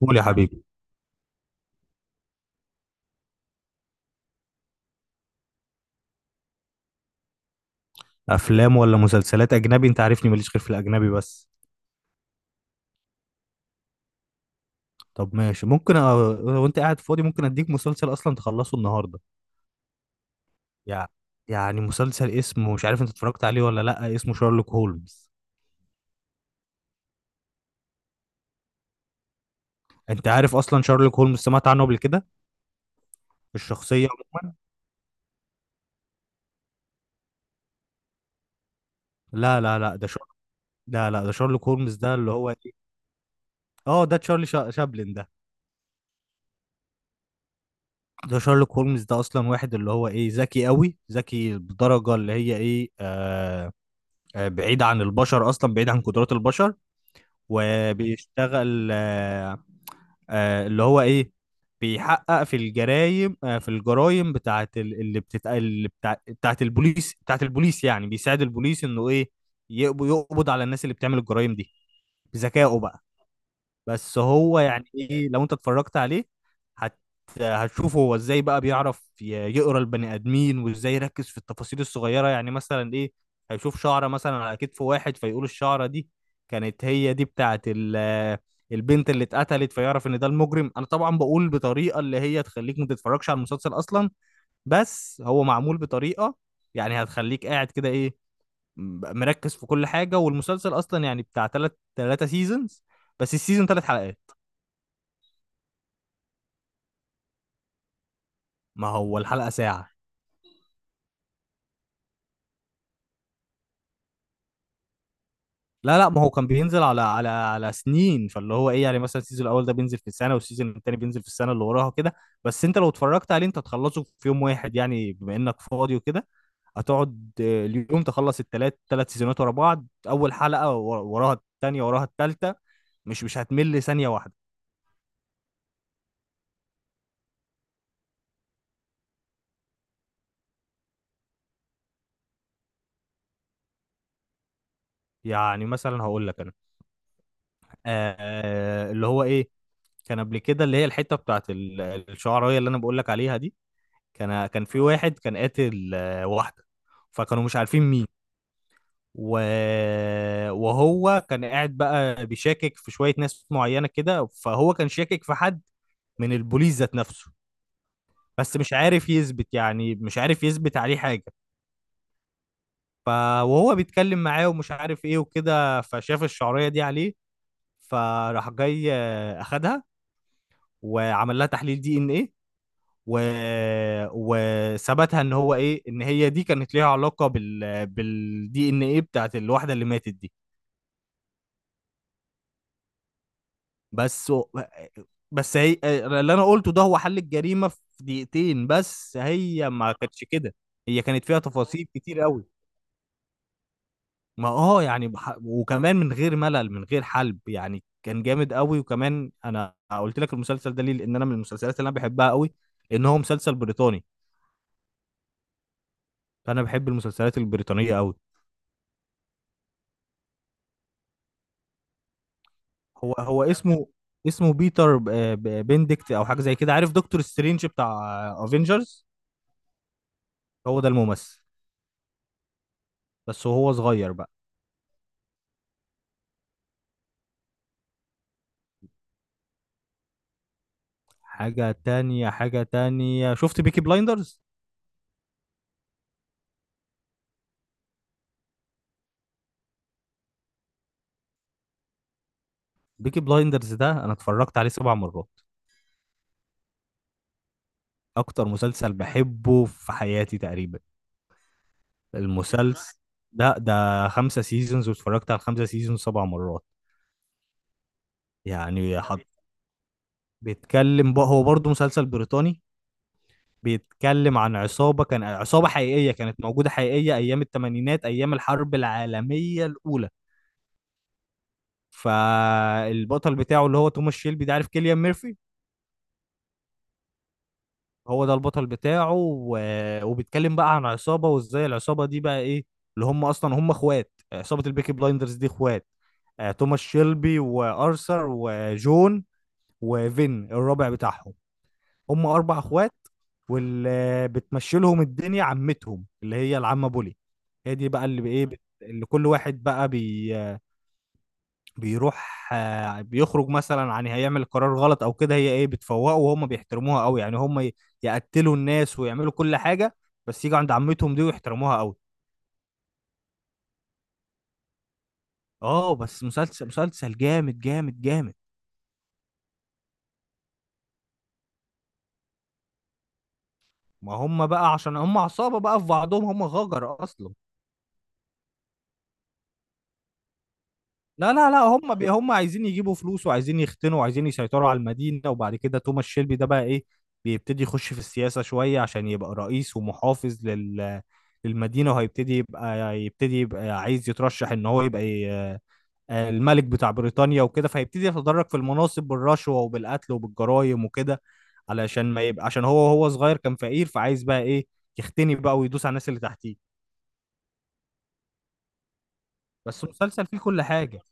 قول يا حبيبي. افلام ولا مسلسلات؟ اجنبي، انت عارفني ماليش غير في الاجنبي بس. طب ماشي، ممكن وانت قاعد فاضي ممكن اديك مسلسل اصلا تخلصه النهارده. يع... يعني مسلسل اسمه، مش عارف انت اتفرجت عليه ولا لا، اسمه شارلوك هولمز. انت عارف اصلا شارلوك هولمز، سمعت عنه قبل كده؟ الشخصيه عموما. لا لا لا، لا لا، ده شارلوك هولمز ده اللي هو ايه. اه، ده تشارلي شابلن ده. ده شارلوك هولمز ده اصلا واحد اللي هو ايه، ذكي قوي، ذكي بدرجه اللي هي ايه، بعيد عن البشر، اصلا بعيد عن قدرات البشر. وبيشتغل اللي هو ايه، بيحقق في الجرايم، في الجرايم بتاعت ال- اللي بتت اللي بتاع بتاعت البوليس بتاعت البوليس، يعني بيساعد البوليس انه ايه يقبض على الناس اللي بتعمل الجرايم دي بذكائه بقى. بس هو يعني ايه، لو انت اتفرجت عليه هت هتشوف هو ازاي بقى بيعرف يقرا البني ادمين، وازاي يركز في التفاصيل الصغيره، يعني مثلا ايه. هيشوف شعره مثلا على كتف واحد فيقول الشعره دي كانت هي دي بتاعت البنت اللي اتقتلت، فيعرف ان ده المجرم. انا طبعا بقول بطريقه اللي هي تخليك ما تتفرجش على المسلسل اصلا، بس هو معمول بطريقه يعني هتخليك قاعد كده ايه، مركز في كل حاجه. والمسلسل اصلا يعني بتاع تلاتة سيزونز، بس السيزون 3 حلقات. ما هو الحلقة ساعة. لا لا، ما هو كان بينزل على سنين، فاللي هو ايه يعني مثلا السيزون الاول ده بينزل في السنة، والسيزون التاني بينزل في السنة اللي وراها كده. بس انت لو اتفرجت عليه انت هتخلصه في يوم واحد يعني بما انك فاضي وكده. هتقعد اليوم تخلص التلات سيزونات ورا بعض، اول حلقة وراها التانية، وراها التالتة. مش هتمل ثانية واحدة. يعني مثلا هقول لك انا اللي هو ايه، كان قبل كده اللي هي الحتة بتاعت الشعراية اللي انا بقول لك عليها دي. كان في واحد كان قاتل واحدة، فكانوا مش عارفين مين. و... وهو كان قاعد بقى بيشاكك في شوية ناس معينة كده، فهو كان شاكك في حد من البوليس ذات نفسه، بس مش عارف يثبت، يعني مش عارف يثبت عليه حاجة. ف... وهو بيتكلم معاه ومش عارف ايه وكده، فشاف الشعرية دي عليه، فراح جاي اخدها، وعمل لها تحليل دي ان ايه، و... وثبتها ان هو ايه، ان هي دي كانت ليها علاقه بالدي ان ايه بتاعت الواحده اللي ماتت دي. بس بس هي اللي انا قلته ده هو حل الجريمه في دقيقتين، بس هي ما كانتش كده، هي كانت فيها تفاصيل كتير قوي. ما اه يعني وكمان من غير ملل، من غير حلب يعني، كان جامد قوي. وكمان انا قلت لك المسلسل ده ليه، لان انا من المسلسلات اللي انا بحبها قوي ان هو مسلسل بريطاني. فانا بحب المسلسلات البريطانيه قوي. هو اسمه بيتر بندكت او حاجه زي كده. عارف دكتور سترينج بتاع افنجرز؟ هو ده الممثل، بس هو صغير بقى. حاجه تانية، حاجه تانية، شفت بيكي بلايندرز؟ بيكي بلايندرز ده انا اتفرجت عليه 7 مرات، اكتر مسلسل بحبه في حياتي تقريبا. المسلسل ده 5 سيزونز، واتفرجت على الخمسة سيزونز 7 مرات. يعني حط، بيتكلم بقى هو برضه مسلسل بريطاني، بيتكلم عن عصابة، كان عصابة حقيقية كانت موجودة حقيقية أيام التمانينات، أيام الحرب العالمية الأولى. فالبطل بتاعه اللي هو توماس شيلبي ده، عارف كيليان ميرفي، هو ده البطل بتاعه. وبيتكلم بقى عن عصابة، وإزاي العصابة دي بقى إيه، اللي هم أصلا هم إخوات، عصابة البيكي بلايندرز دي إخوات، توماس شيلبي وأرثر وجون، وفين الرابع بتاعهم؟ هم 4 اخوات. واللي بتمشي لهم الدنيا عمتهم، اللي هي العمه بولي، هي دي بقى اللي بايه اللي كل واحد بقى بيروح بيخرج، مثلا عن هيعمل قرار غلط او كده، هي ايه بتفوقه، وهم بيحترموها قوي، يعني هم يقتلوا الناس ويعملوا كل حاجه، بس يجوا عند عمتهم دي ويحترموها قوي. اه، بس مسلسل مسلسل جامد جامد جامد. ما هم بقى عشان هم عصابه بقى في بعضهم، هم غجر اصلا. لا لا لا، هم بي هم عايزين يجيبوا فلوس، وعايزين يختنوا، وعايزين يسيطروا على المدينة. وبعد كده توماس شيلبي ده بقى ايه، بيبتدي يخش في السياسة شوية عشان يبقى رئيس ومحافظ لل للمدينة. وهيبتدي يبقى، يبتدي يبقى عايز يترشح ان هو يبقى الملك بتاع بريطانيا وكده، فيبتدي يتدرج في المناصب بالرشوة وبالقتل وبالجرائم وكده، علشان ما يبقى، عشان هو صغير كان فقير، فعايز بقى ايه، يختني بقى ويدوس على الناس اللي تحتيه. بس مسلسل فيه كل حاجة.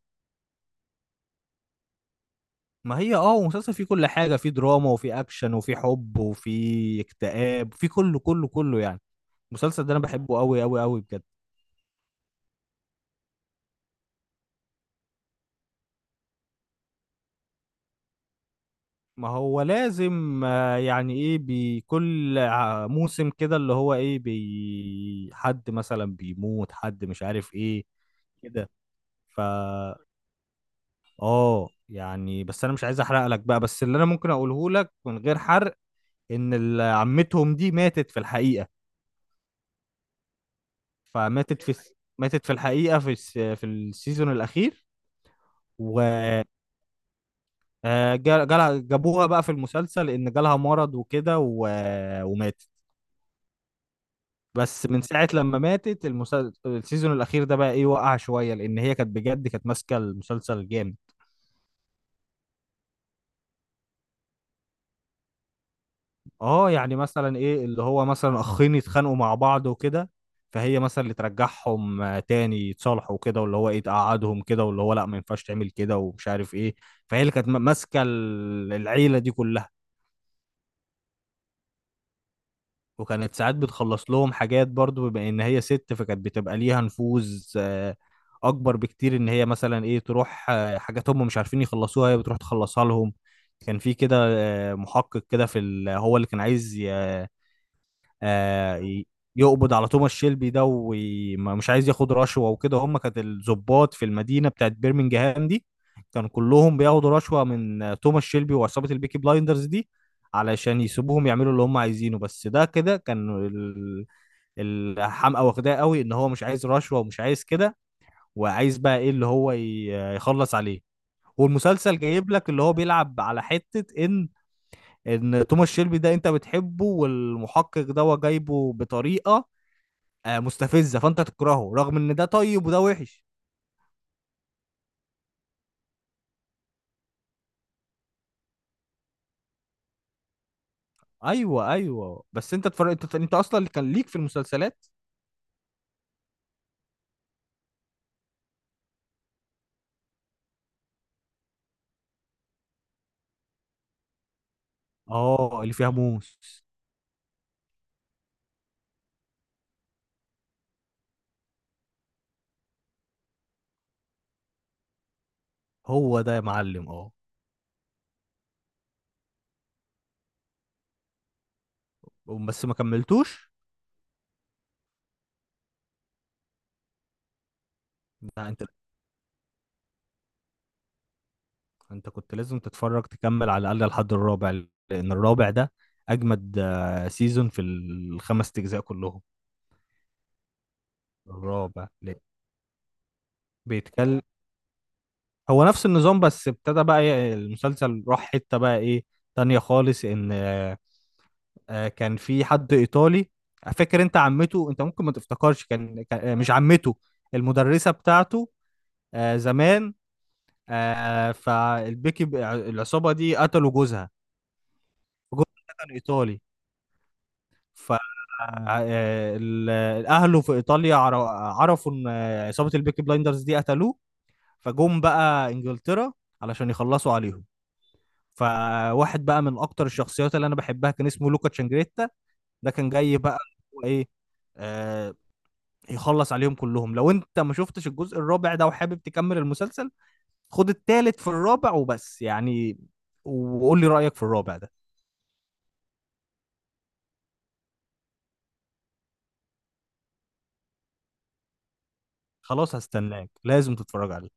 ما هي اه هو مسلسل فيه كل حاجة، فيه دراما، وفيه أكشن، وفيه حب، وفيه اكتئاب، فيه كله كله كله يعني. المسلسل ده أنا بحبه أوي أوي أوي بجد. ما هو لازم يعني إيه، بكل موسم كده اللي هو إيه بي، حد مثلا بيموت، حد مش عارف إيه كده. فا آه يعني، بس أنا مش عايز أحرق لك بقى. بس اللي أنا ممكن أقوله لك من غير حرق، إن عمتهم دي ماتت في الحقيقة. فماتت في ماتت في الحقيقة في في السيزون الأخير. و آه، جا- جالها- جابوها بقى في المسلسل إن جالها مرض وكده وماتت. بس من ساعة لما ماتت المسلسل، السيزون الأخير ده بقى إيه، وقع شوية لأن هي كانت بجد كانت ماسكة المسلسل جامد. أه، يعني مثلا إيه، اللي هو مثلا أخين يتخانقوا مع بعض وكده، فهي مثلا اللي ترجعهم تاني يتصالحوا كده، واللي هو إيه تقعدهم كده، واللي هو لأ، ما ينفعش تعمل كده ومش عارف إيه. فهي اللي كانت ماسكة العيلة دي كلها. وكانت ساعات بتخلص لهم حاجات برضو، بما ان هي ست فكانت بتبقى ليها نفوذ اكبر بكتير، ان هي مثلا ايه تروح حاجات هم مش عارفين يخلصوها هي بتروح تخلصها لهم. كان في كده محقق كده في هو اللي كان عايز آه، ي- يقبض على توماس شيلبي ده، ومش عايز ياخد رشوة وكده، هم كانت الضباط في المدينة بتاعت بيرمنجهام دي كانوا كلهم بياخدوا رشوة من توماس شيلبي وعصابة البيكي بلايندرز دي، علشان يسيبوهم يعملوا اللي هم عايزينه. بس ده كده كان الحمقى واخداه قوي ان هو مش عايز رشوة ومش عايز كده، وعايز بقى ايه اللي هو يخلص عليه. والمسلسل جايب لك اللي هو بيلعب على حتة ان، ان توماس شيلبي ده انت بتحبه، والمحقق ده هو جايبه بطريقة مستفزه فانت تكرهه، رغم ان ده طيب وده وحش. ايوه ايوه، بس انت تفرق، انت اصلا اللي كان ليك في المسلسلات، اه اللي فيها موس، هو ده يا معلم، اه. بس ما كملتوش. لا انت كنت لازم تتفرج، تكمل على الاقل لحد الرابع، لان الرابع ده اجمد سيزون في الخمس اجزاء كلهم. الرابع ليه بيتكلم؟ هو نفس النظام، بس ابتدى بقى المسلسل راح حته بقى ايه تانية خالص، ان كان في حد ايطالي. فاكر انت عمته، انت ممكن ما تفتكرش، مش عمته، المدرسه بتاعته زمان. فالبيكي، العصابه دي قتلوا جوزها، جوزها ده كان ايطالي. ف آه، اهله في ايطاليا عرفوا ان عصابه البيكي بلايندرز دي قتلوه، فجم بقى انجلترا علشان يخلصوا عليهم. فواحد بقى من اكتر الشخصيات اللي انا بحبها كان اسمه لوكا تشانجريتا. ده كان جاي بقى، هو ايه آه، يخلص عليهم كلهم. لو انت ما شفتش الجزء الرابع ده وحابب تكمل المسلسل، خد التالت في الرابع وبس يعني، وقول لي رأيك في الرابع ده. خلاص هستناك، لازم تتفرج عليه.